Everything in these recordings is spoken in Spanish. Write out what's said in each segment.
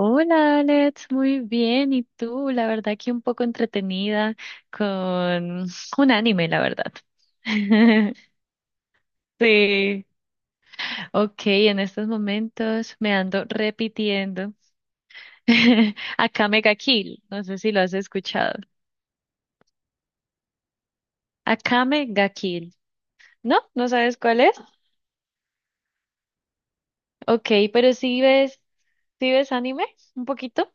Hola Alex, muy bien. ¿Y tú? La verdad que un poco entretenida con un anime, la verdad. Sí. Ok, en estos momentos me ando repitiendo. Akame ga Kill, no sé si lo has escuchado. Akame ga Kill. ¿No? ¿No sabes cuál es? Ok, pero sí ves anime un poquito.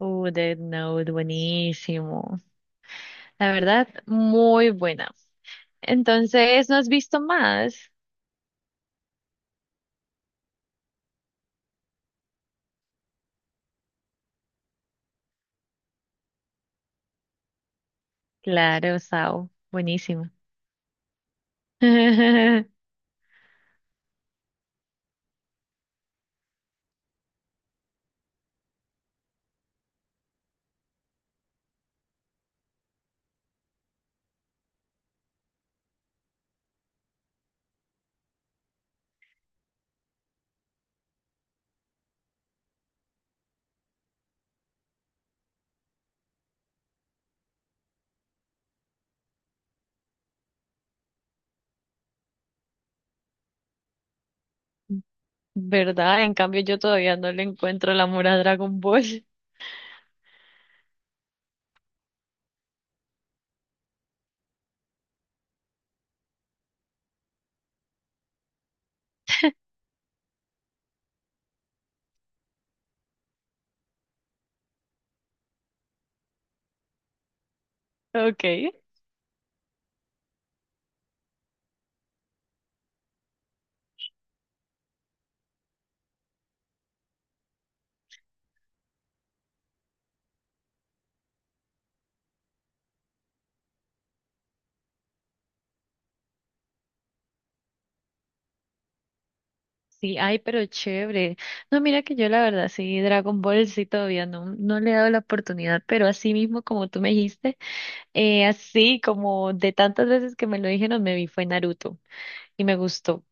Death Note, buenísimo. La verdad, muy buena. Entonces, ¿no has visto más? Claro, Sao. Buenísimo. ¿Verdad? En cambio, yo todavía no le encuentro el amor a Dragon Ball. Ok. Sí, ay, pero chévere. No, mira que yo la verdad, sí, Dragon Ball sí todavía no le he dado la oportunidad, pero así mismo como tú me dijiste, así como de tantas veces que me lo dijeron, me vi fue Naruto y me gustó.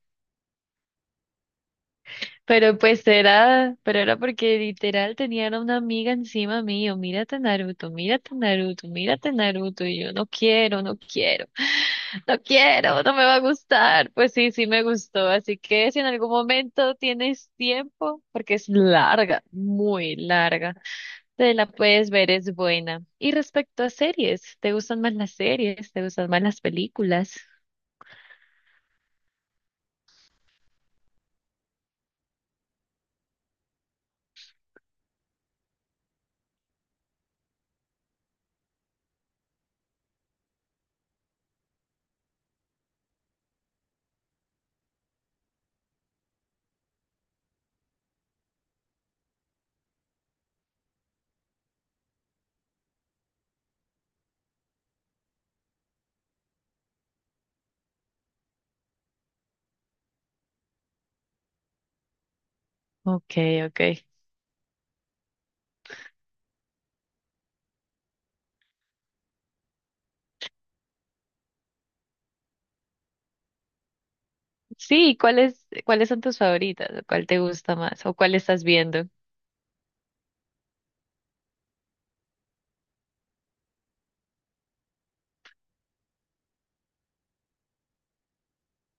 Pero pues era, pero era porque literal tenían a una amiga encima mío, mírate Naruto, mírate Naruto, mírate Naruto, y yo no quiero, no quiero, no quiero, no me va a gustar. Pues sí, sí me gustó, así que si en algún momento tienes tiempo, porque es larga, muy larga, te la puedes ver, es buena. Y respecto a series, ¿te gustan más las series? ¿Te gustan más las películas? Ok, ok. Sí, ¿cuáles son tus favoritas? ¿O ¿Cuál te gusta más? ¿O cuál estás viendo?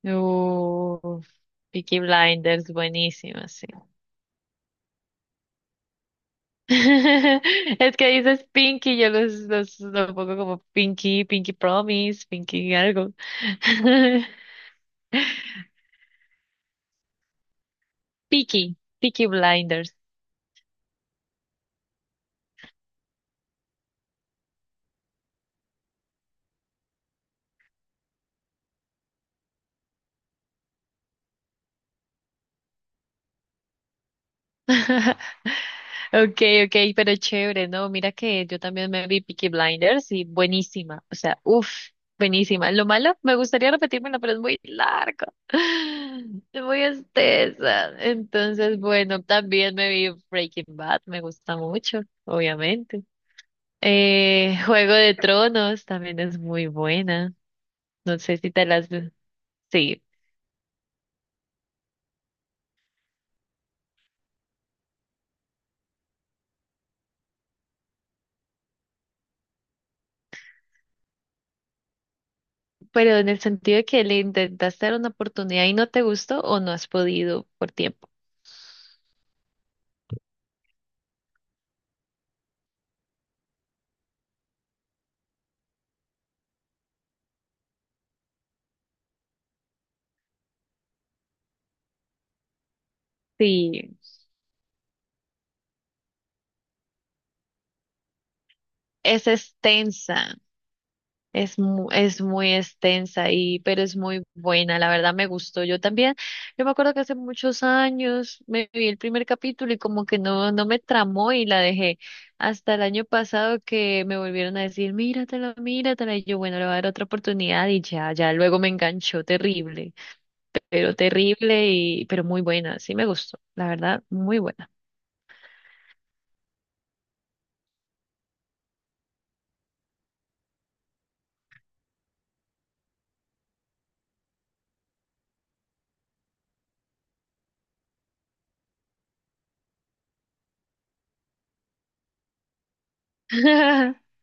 Uf, Peaky Blinders, buenísima, sí. Es que dices Pinky, yo lo pongo como Pinky, Pinky Promise, Pinky algo. Peaky, Peaky Blinders. Okay, okay, pero chévere, ¿no? Mira que yo también me vi Peaky Blinders y buenísima, o sea, uff, buenísima. Lo malo, me gustaría repetírmela, pero es muy larga, es muy extensa. Entonces, bueno, también me vi Breaking Bad, me gusta mucho, obviamente. Juego de Tronos también es muy buena, no sé si te las... Sí. Pero en el sentido de que le intentaste dar una oportunidad y no te gustó o no has podido por tiempo. Sí, es extensa. Es muy extensa y, pero es muy buena, la verdad me gustó. Yo también, yo me acuerdo que hace muchos años me vi el primer capítulo y como que no, no me tramó y la dejé. Hasta el año pasado que me volvieron a decir, míratela, míratela. Y yo, bueno, le voy a dar otra oportunidad y ya, ya luego me enganchó terrible, pero terrible y, pero muy buena, sí me gustó, la verdad, muy buena.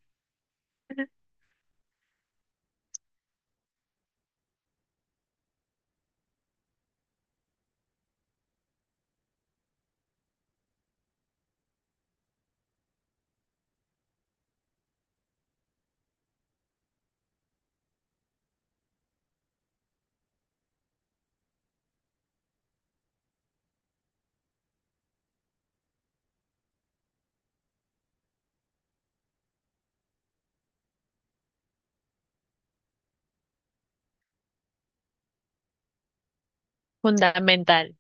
Fundamental.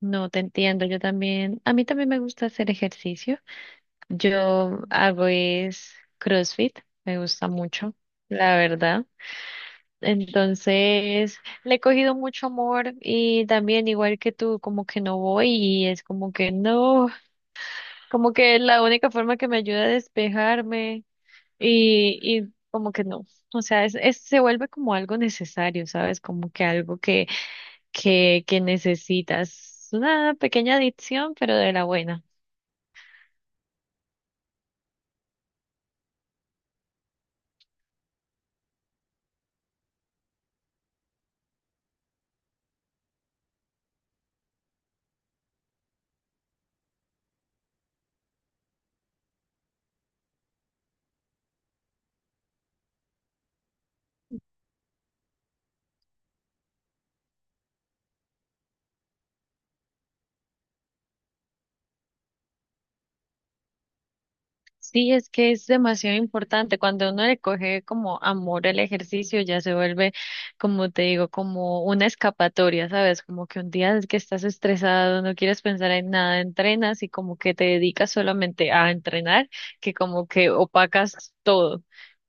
No te entiendo, yo también, a mí también me gusta hacer ejercicio. Yo hago es CrossFit, me gusta mucho, la verdad. Entonces, le he cogido mucho amor y también igual que tú, como que no voy y es como que no, como que es la única forma que me ayuda a despejarme y como que no, o sea, es- se vuelve como algo necesario, ¿sabes? Como que algo que necesitas, una pequeña adicción, pero de la buena. Sí, es que es demasiado importante. Cuando uno le coge como amor el ejercicio, ya se vuelve, como te digo, como una escapatoria, ¿sabes? Como que un día que estás estresado, no quieres pensar en nada, entrenas y como que te dedicas solamente a entrenar, que como que opacas todo.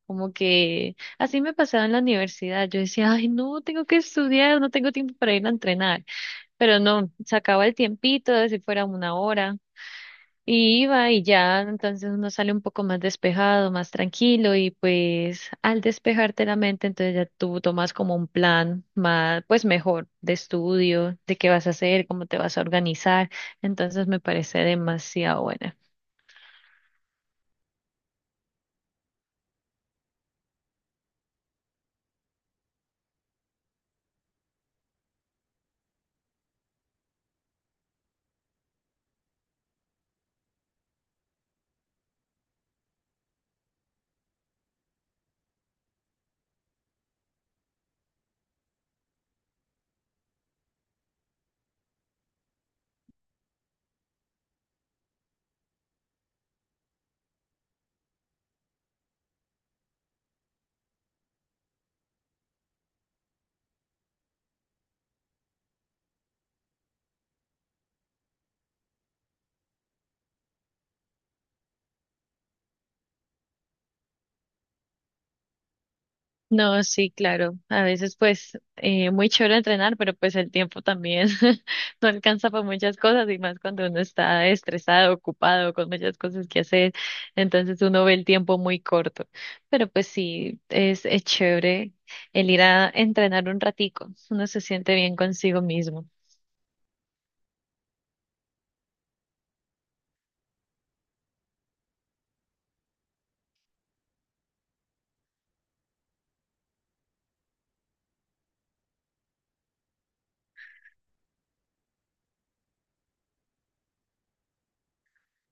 Como que así me pasaba en la universidad. Yo decía, ay, no, tengo que estudiar, no tengo tiempo para ir a entrenar. Pero no, sacaba el tiempito, de si fuera una hora. Y iba y ya, entonces uno sale un poco más despejado, más tranquilo y pues al despejarte la mente, entonces ya tú tomas como un plan más, pues mejor de estudio, de qué vas a hacer, cómo te vas a organizar. Entonces me parece demasiado buena. No, sí, claro. A veces pues muy chévere entrenar, pero pues el tiempo también no alcanza para muchas cosas y más cuando uno está estresado, ocupado, con muchas cosas que hacer, entonces uno ve el tiempo muy corto. Pero pues sí, es chévere el ir a entrenar un ratico, uno se siente bien consigo mismo.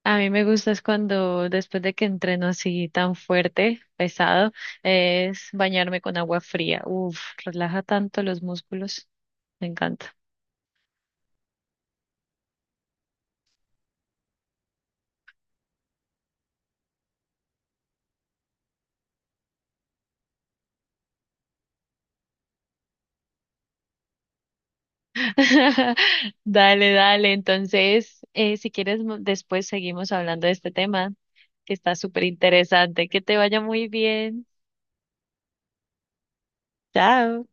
A mí me gusta es cuando después de que entreno así tan fuerte, pesado, es bañarme con agua fría. Uf, relaja tanto los músculos. Me encanta. Dale, dale. Entonces, si quieres, mo- después seguimos hablando de este tema, que está súper interesante. Que te vaya muy bien. Chao.